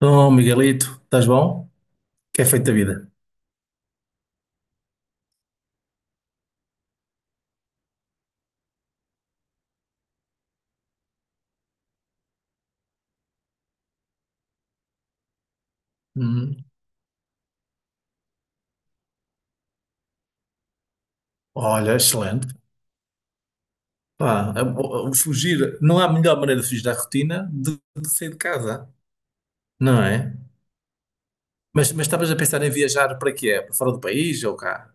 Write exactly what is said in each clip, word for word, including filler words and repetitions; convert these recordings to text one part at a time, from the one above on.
Oh, Miguelito, estás bom? Que é feito da vida? Hum, Olha, excelente. Pá, a- a- a- fugir, não há melhor maneira de fugir da rotina de, de sair de casa, não é? Mas, mas estavas a pensar em viajar para quê? Para fora do país ou cá?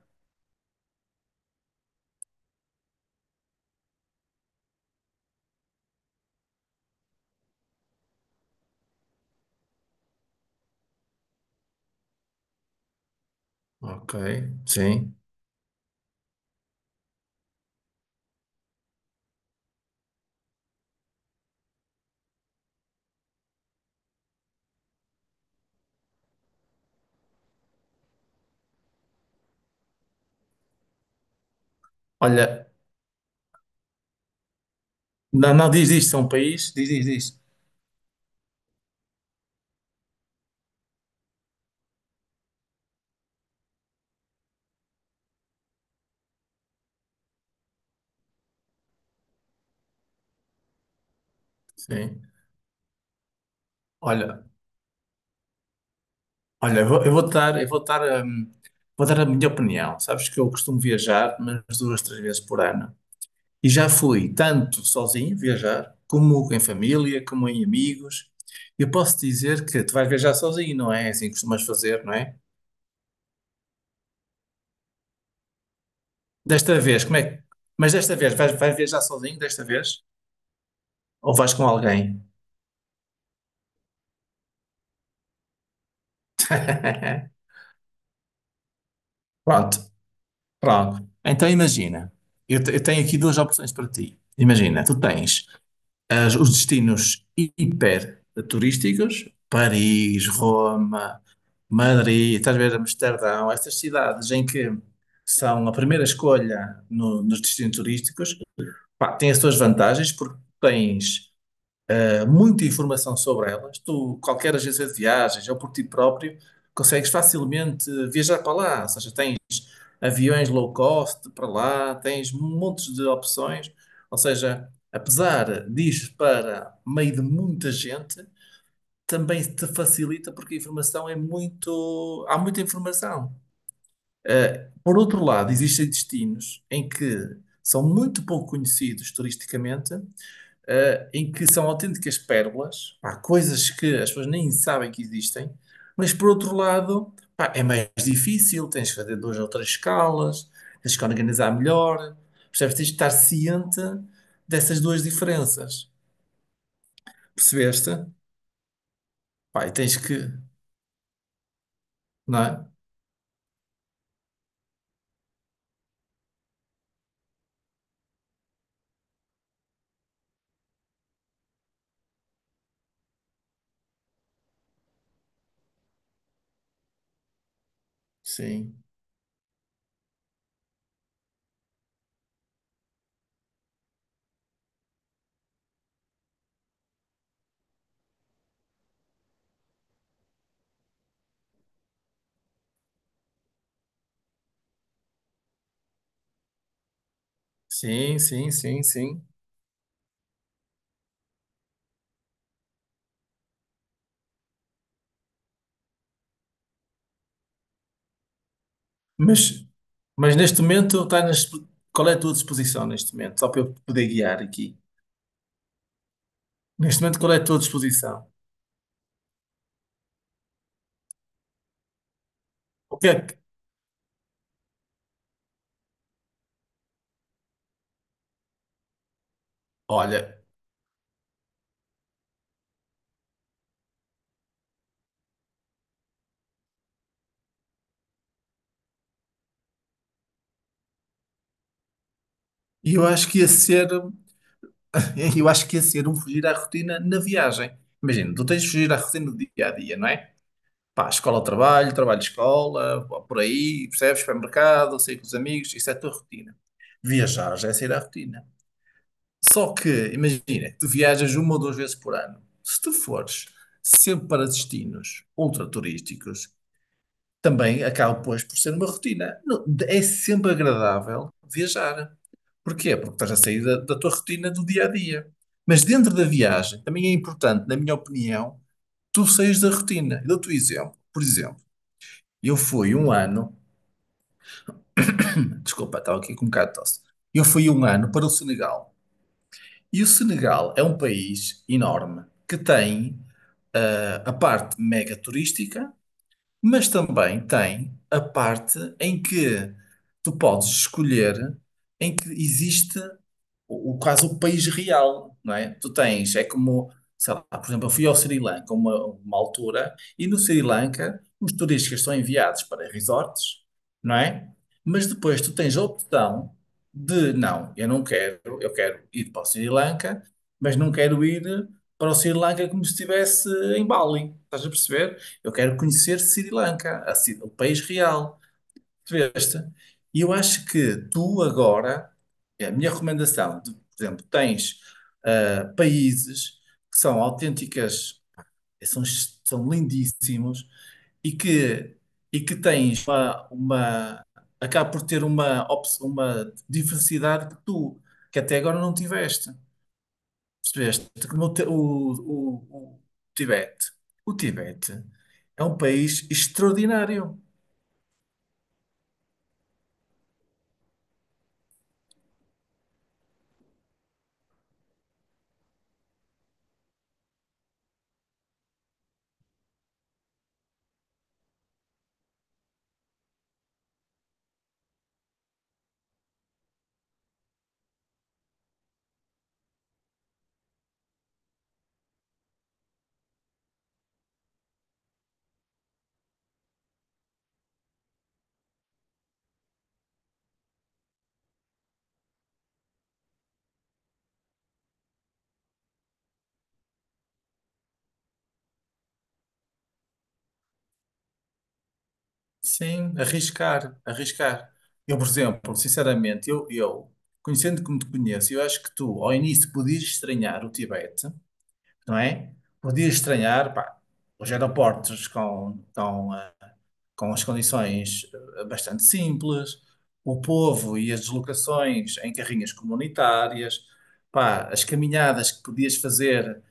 Ok, sim. Olha, não, não diz isto, é um país, diz, diz, diz. Sim. Olha, olha, eu vou, eu vou dar, eu vou dar, hum, vou dar a minha opinião. Sabes que eu costumo viajar, mas duas, três vezes por ano. E já fui tanto sozinho viajar, como em família, como em amigos. Eu posso dizer que tu vais viajar sozinho, não é? É assim que costumas fazer, não é? Desta vez, como é? que- Mas desta vez, vais, vais viajar sozinho desta vez? Ou vais com alguém? Pronto, pronto. Então imagina, eu, te- eu tenho aqui duas opções para ti. Imagina, tu tens as- os destinos hiper turísticos, Paris, Roma, Madrid, estás a ver Amsterdão, estas cidades em que são a primeira escolha no- nos destinos turísticos, pá, têm as suas vantagens porque tens eh, muita informação sobre elas. Tu, qualquer agência de viagens ou por ti próprio, consegues facilmente viajar para lá, ou seja, tens aviões low cost para lá, tens montes de opções. Ou seja, apesar de para meio de muita gente, também te facilita porque a informação é muito. Há muita informação. Por outro lado, existem destinos em que são muito pouco conhecidos turisticamente, eh, em que são autênticas pérolas, pá, coisas que as pessoas nem sabem que existem, mas por outro lado, pá, é mais difícil, tens que fazer duas ou três escalas, tens que organizar melhor, percebes? Tens que estar ciente dessas duas diferenças, percebeste? Pá, e tens que, não é? Sim, sim, sim, sim, sim. Mas, mas neste momento, está nas, qual é a tua disposição neste momento? Só para eu poder guiar aqui. Neste momento, qual é a tua disposição? O que é que, olha, E eu acho que ia ser, eu acho que ia ser um fugir à rotina na viagem. Imagina, tu tens de fugir à rotina do dia a dia, não é? Pá, escola, trabalho, trabalho, escola, pá, por aí, percebes? Supermercado, sair com os amigos, isso é a tua rotina. Viajar já é sair à rotina. Só que, imagina, tu viajas uma ou duas vezes por ano. Se tu fores sempre para destinos ultra turísticos, também acaba, pois, por ser uma rotina. Não, é sempre agradável viajar. Porquê? Porque estás a sair da, da tua rotina do dia a dia. Mas dentro da viagem, também é importante, na minha opinião, tu saís da rotina. Eu dou-te um exemplo. Por exemplo, eu fui um ano, desculpa, estava aqui com um bocado de tosse. Eu fui um ano para o Senegal. E o Senegal é um país enorme que tem, eh, a parte mega turística. Mas também tem a parte em que tu podes escolher, em que existe o, o quase o país real, não é? Tu tens, é como, sei lá, por exemplo, eu fui ao Sri Lanka uma, uma altura e no Sri Lanka os turistas são enviados para resorts, não é? Mas depois tu tens a opção de, não, eu não quero, eu quero ir para o Sri Lanka, mas não quero ir para o Sri Lanka como se estivesse em Bali, estás a perceber? Eu quero conhecer Sri Lanka, a ci- o país real. Percebeste? E eu acho que tu agora, é a minha recomendação, de- por exemplo, tens ah, países que são autênticas, são, ex- são lindíssimos e que, e que tens uma, uma- acaba por ter uma, ops- uma diversidade que tu, que até agora não tiveste. Percebeste que no Ti- o, o, o Tibete. O Tibete é um país extraordinário. Sim, arriscar, arriscar. Eu, por exemplo, sinceramente, eu, eu conhecendo como te conheço, eu acho que tu, ao início, podias estranhar o Tibete, não é? Podia estranhar, pá, os aeroportos com, com, eh, com as condições, eh, bastante simples, o povo e as deslocações em carrinhas comunitárias, pá, as caminhadas que podias fazer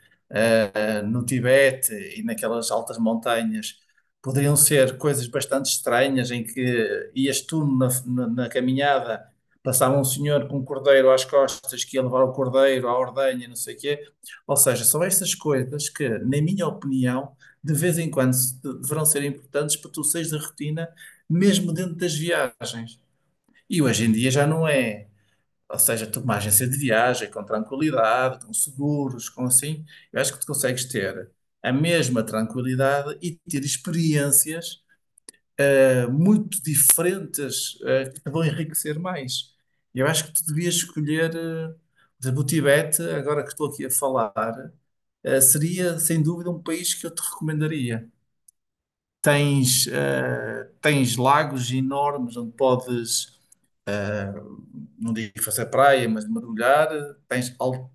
no Tibete e naquelas altas montanhas poderiam ser coisas bastante estranhas em que ias tu na, na- na caminhada, passava um senhor com um cordeiro às costas que ia levar o cordeiro à ordenha, não sei o quê. Ou seja, são estas coisas que, na minha opinião, de vez em quando se- deverão ser importantes para tu saís da rotina, mesmo dentro das viagens. E hoje em dia já não é. Ou seja, tu com uma agência de viagem, com tranquilidade, com seguros, com assim, eu acho que tu consegues ter a mesma tranquilidade e ter experiências, eh, muito diferentes, eh, que te vão enriquecer mais. Eu acho que tu devias escolher, eh, por exemplo, o Tibete, agora que estou aqui a falar, eh, seria sem dúvida um país que eu te recomendaria. Tens, eh, tens lagos enormes onde podes, não digo fazer praia, mas mergulhar, eh, tens al-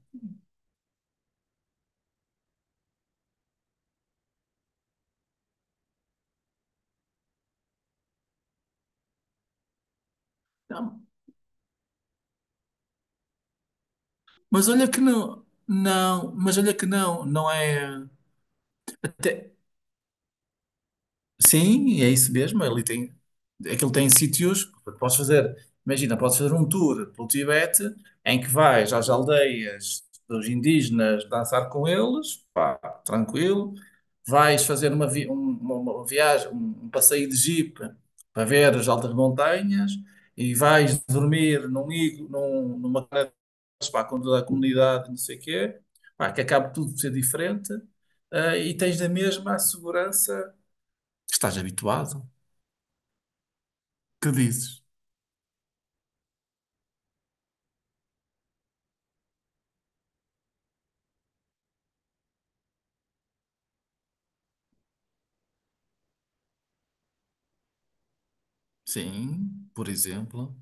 mas olha que não, não, mas olha que não, não é. até- sim, é isso mesmo. Ele tem, aquilo tem sítios que podes fazer. Imagina, podes fazer um tour pelo Tibete em que vais às aldeias dos indígenas dançar com eles, pá, tranquilo. Vais fazer uma, vi- um- uma- uma viagem, um, um passeio de jeep para ver as altas montanhas e vais dormir num, igu- num, numa para com toda a conta da comunidade, não sei o quê, pá, que acaba tudo por ser diferente, ah, e tens da mesma a segurança que estás habituado, que dizes, sim, por exemplo,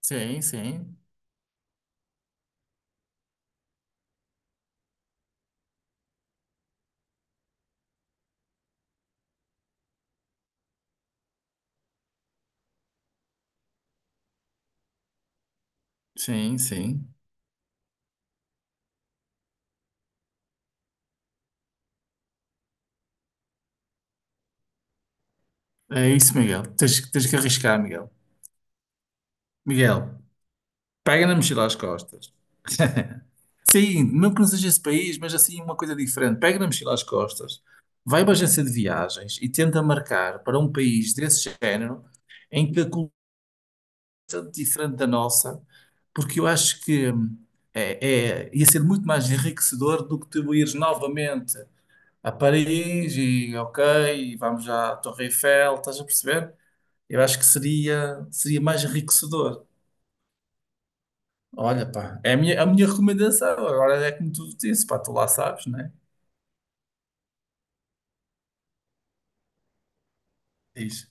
sim, sim, sim, sim. É isso, Miguel. Tens, tens que arriscar, Miguel. Miguel, pega na mochila às costas. Sim, mesmo que não seja esse país, mas assim uma coisa diferente. Pega na mochila às costas, vai para a agência de viagens e tenta marcar para um país desse género em que a cultura é diferente da nossa porque eu acho que hum, é, é- ia ser muito mais enriquecedor do que tu ires novamente a Paris e ok, vamos à Torre Eiffel, estás a perceber? Eu acho que seria, seria mais enriquecedor. Olha, pá, é a minha, a minha recomendação. Agora é como tu disse, pá, tu lá sabes, né? Diz.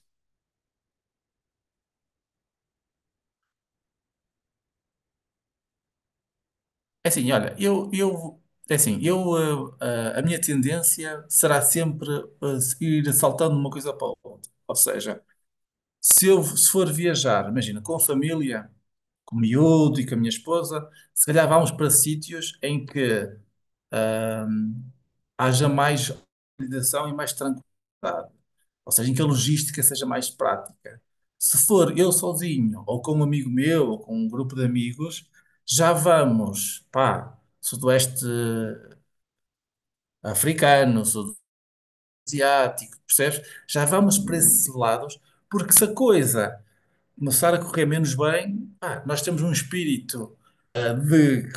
É assim, olha, eu, eu, é assim, eu, eh, eh, a minha tendência será sempre, eh, ir saltando de uma coisa para outra. Ou seja, se eu se for viajar, imagina, com a família, com o miúdo e com a minha esposa, se calhar vamos para sítios em que ahm, haja mais organização e mais tranquilidade, ou seja, em que a logística seja mais prática. Se for eu sozinho, ou com um amigo meu, ou com um grupo de amigos, já vamos, pá, Sudoeste africano, Sudoeste asiático, percebes? Já vamos para esses lados, porque se a coisa começar a correr menos bem, pá, nós temos um espírito de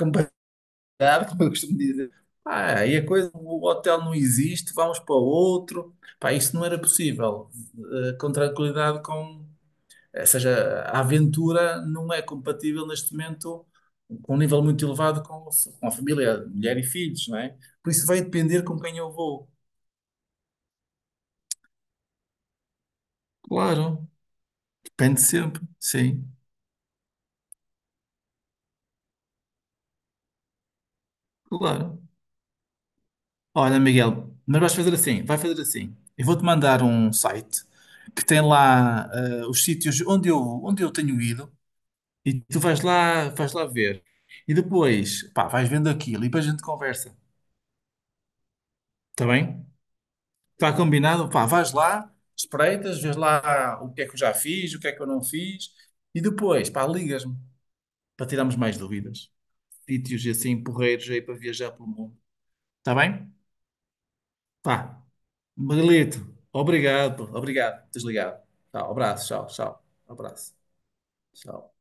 como eu costumo dizer. Ah, e a coisa, o hotel não existe, vamos para outro. Pá, isso não era possível. Eh, com tranquilidade, com. eh, Ou seja, a aventura não é compatível neste momento com um nível muito elevado, com, com a família, mulher e filhos, não é? Por isso vai depender com quem eu vou. Claro, depende sempre, sim, claro. Olha, Miguel, mas vais fazer assim, vai fazer assim. Eu vou-te mandar um site que tem lá, eh, os sítios onde eu, onde eu tenho ido. E tu vais lá, vais lá ver. E depois, pá, vais vendo aquilo e depois a gente conversa. Está bem? Está combinado? Pá, vais lá, espreitas, vês lá o que é que eu já fiz, o que é que eu não fiz. E depois, pá, ligas-me para tirarmos mais dúvidas. Sítios e assim, porreiros aí para viajar pelo mundo. Está bem? Pá, Miguelito, obrigado, pô, obrigado. Desligado. Tchau, abraço, tchau, tchau. Abraço, tchau.